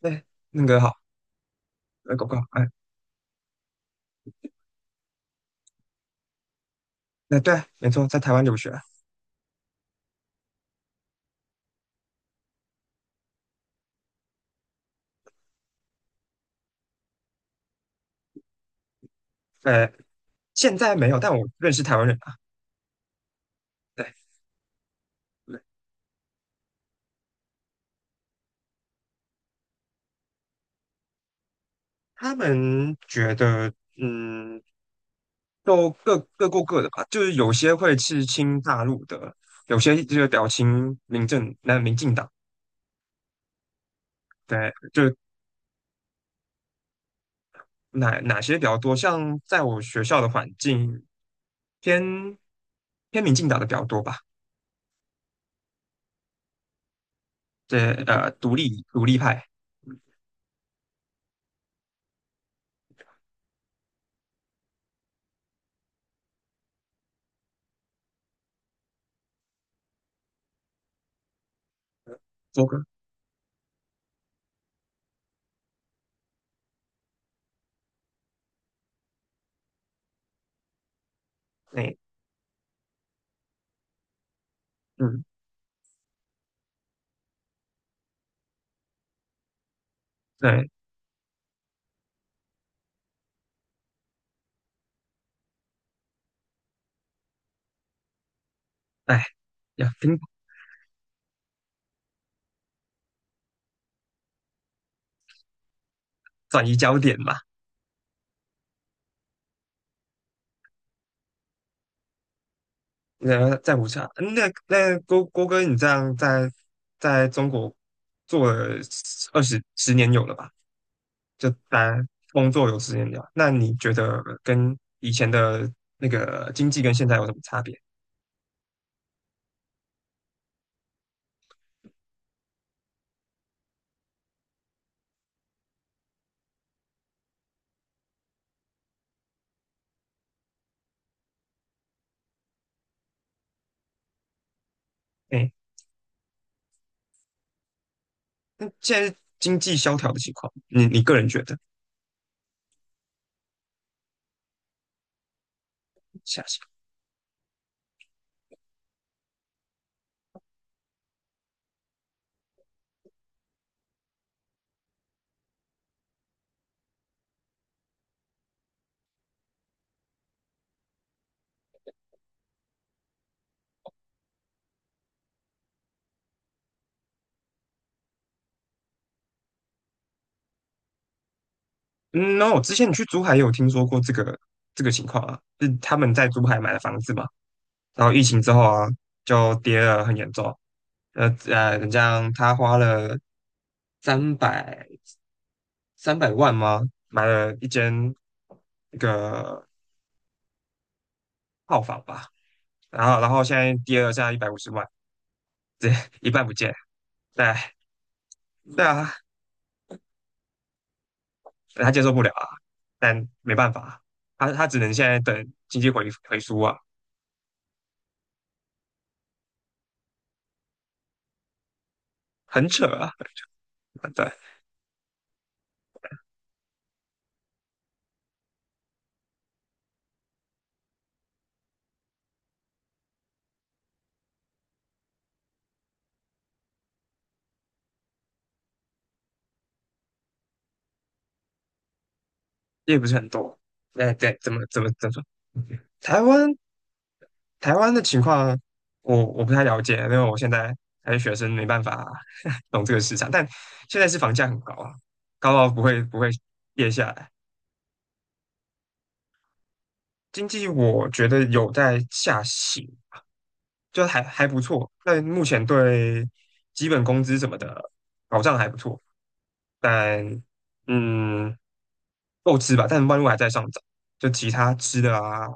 对，那个好，狗狗哎，那对，没错，在台湾留学。呃，现在没有，但我认识台湾人啊。对，对，他们觉得，都各过各的吧，就是有些会是亲大陆的，有些就是比较亲民政，那民进党，对，就哪些比较多，像在我学校的环境，偏偏民进党的比较多吧。对，独立派，多哥，哎，嗯，对，哎。呀，转移焦点嘛。呃，在武侠，嗯那郭哥，你这样在中国做了十年有了吧？就单工作有十年了，那你觉得跟以前的那个经济跟现在有什么差别？哎，那现在经济萧条的情况，你个人觉得下行？嗯，那我之前你去珠海也有听说过这个情况啊，是他们在珠海买了房子嘛，然后疫情之后啊，就跌了很严重。你这样他花了三百三百万吗？买了一间那个套房吧。然后现在跌了，现在150万，这 一半不见。对对啊，他接受不了啊，但没办法，他只能现在等经济回苏啊。很扯啊，对，也不是很多。那对，怎么说？台湾台湾的情况我不太了解，因为我现在还是学生，没办法 懂这个市场。但现在是房价很高啊，高到不会跌下来。经济我觉得有在下行，就还不错。但目前对基本工资什么的保障还不错，但嗯够吃吧。但万物还在上涨，就其他吃的啊、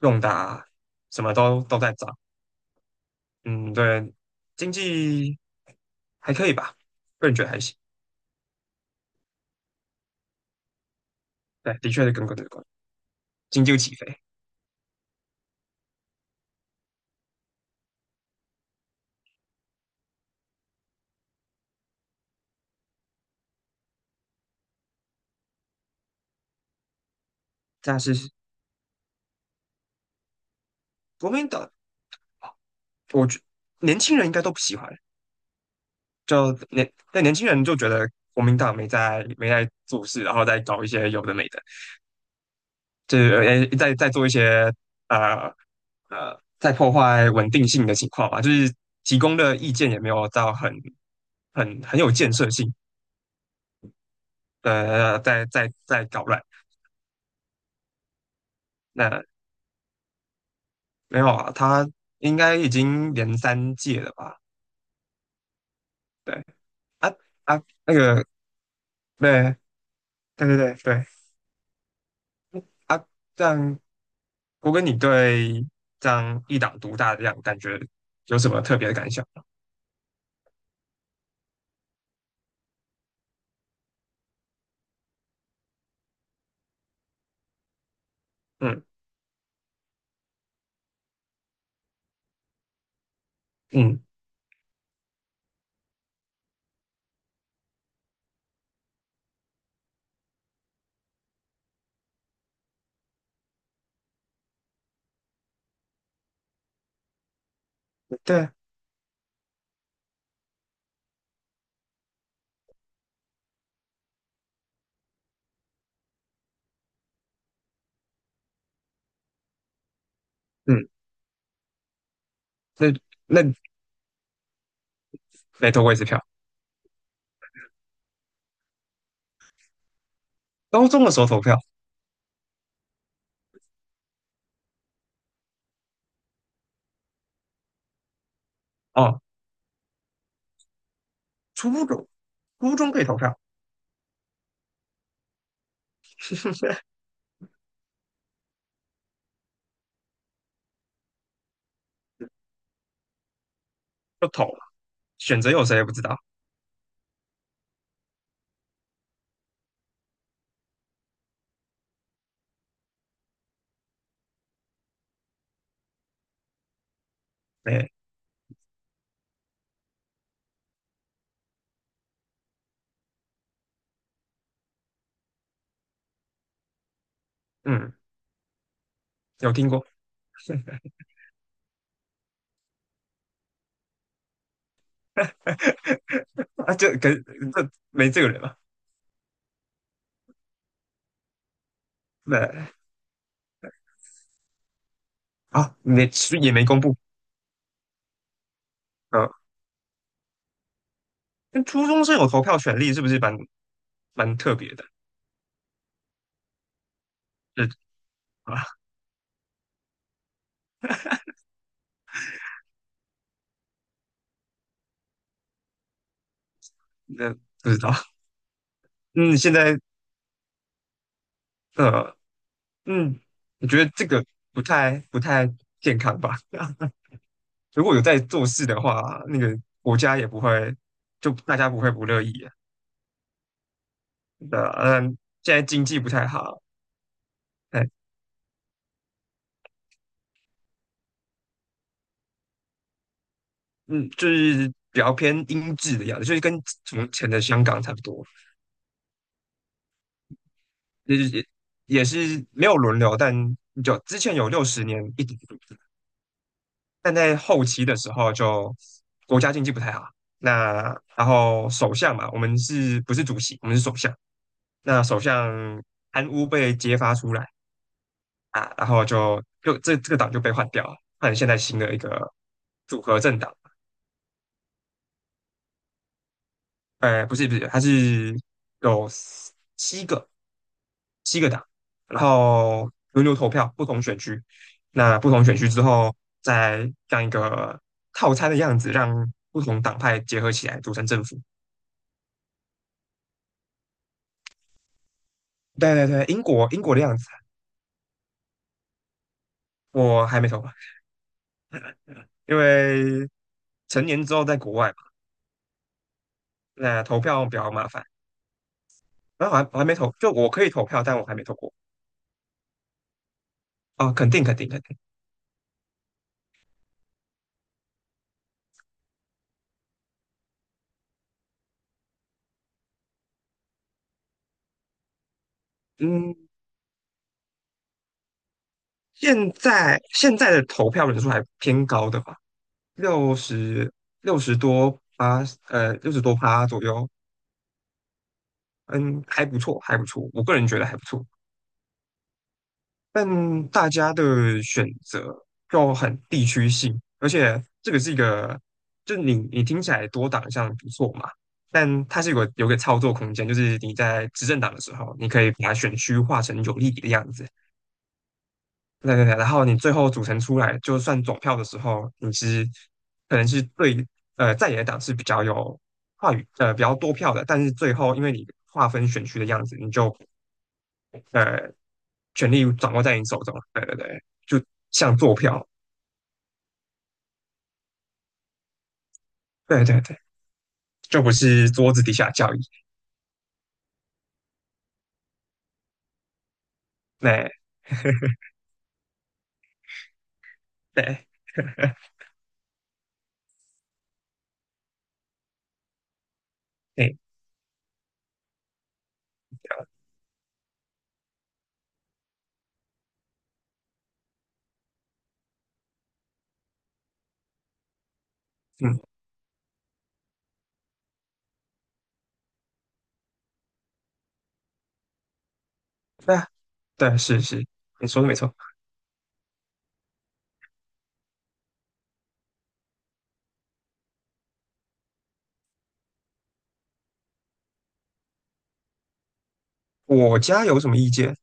用的啊，什么都在涨。嗯，对，经济还可以吧，个人觉得还行。对，的确是跟国内有关，经济有起飞。但是国民党，我觉年轻人应该都不喜欢，但年轻人就觉得国民党没在做事，然后再搞一些有的没的，就是在做一些呃在破坏稳定性的情况吧。就是提供的意见也没有到很有建设性。在搞乱。那没有啊，他应该已经连三届了吧？对啊啊，那个，对对对对对啊，这样我跟你对这样一党独大的这样感觉有什么特别的感想？嗯嗯，对啊，嗯，那那没投过一次票，高中的时候投票。哦，初中初中可以投票就投了，选择有谁也不知道。没嗯，有听过。 啊，这没这个人嘛。对啊，没公布。呃，那初中生有投票权利，是不是蛮特别的？这啊，那不知道。嗯，现在，呃，嗯，我觉得这个不太健康吧。如果有在做事的话，那个国家也不会，就大家不会不乐意啊。对啊，嗯，现在经济不太好。哎，嗯，就是比较偏英制的样子，就是跟从前的香港差不多，就是也是没有轮流，但就之前有60年一直，但在后期的时候就国家经济不太好。那然后首相嘛，我们是不是主席？我们是首相。那首相贪污被揭发出来啊，然后就这个党就被换掉了，换成现在新的一个组合政党。不是，它是有七个七个党，然后轮流投票，不同选区。那不同选区之后，再这样一个套餐的样子，让不同党派结合起来组成政府。对对对，英国的样子。我还没投，因为成年之后在国外嘛，那投票比较麻烦。然后我还没投，就我可以投票，但我还没投过。啊，肯定肯定肯定。嗯，现在的投票人数还偏高的吧，六十六十多趴，六十多趴左右。嗯，还不错，还不错，我个人觉得还不错。但大家的选择就很地区性，而且这个是一个，就你听起来多党项不错嘛。但它是有个操作空间，就是你在执政党的时候，你可以把选区划成有利的样子。对对对，然后你最后组成出来，就算总票的时候，可能是对在野党是比较有话语比较多票的，但是最后因为你划分选区的样子，你就权力掌握在你手中。对对对，就像坐票。对对对，就不是桌子底下交易。那对，哎，嗯，那对是是，你说的没错。我家有什么意见？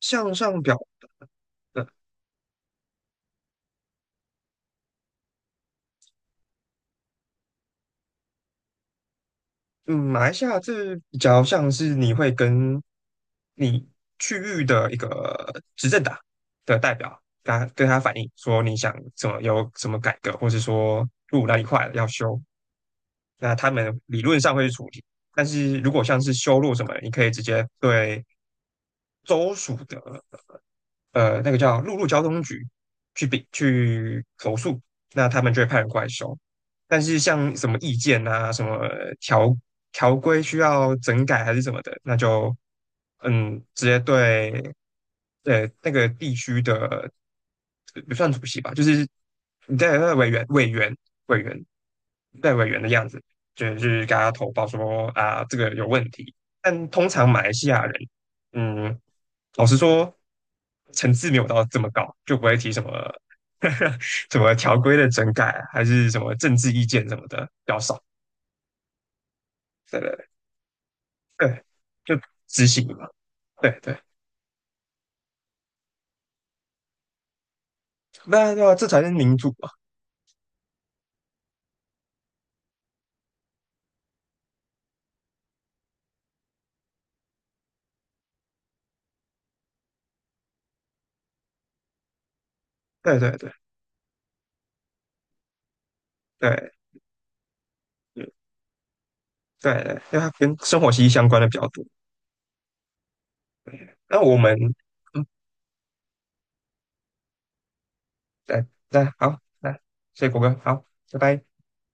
向上表的。嗯，马来西亚这比较像是你会跟你区域的一个执政党的代表，跟他反映说你想怎么有什么改革，或者说路那一块要修，那他们理论上会去处理。但是如果像是修路什么，你可以直接对州属的那个叫陆路交通局去投诉，那他们就会派人过来收。但是像什么意见啊、什么条条规需要整改还是什么的，那就直接对那个地区的不算主席吧，就是你在那委员在委员的样子，就是给他投报说啊这个有问题。但通常马来西亚人嗯。老实说，层次没有到这么高，就不会提什么 什么条规的整改，还是什么政治意见什么的，比较少。对对对，对就执行嘛。对对，那对啊，这才是民主嘛。对对对对，嗯，对对，因为它跟生活息息相关的比较多。那我们嗯，对，来好，来谢谢果哥，好，拜拜。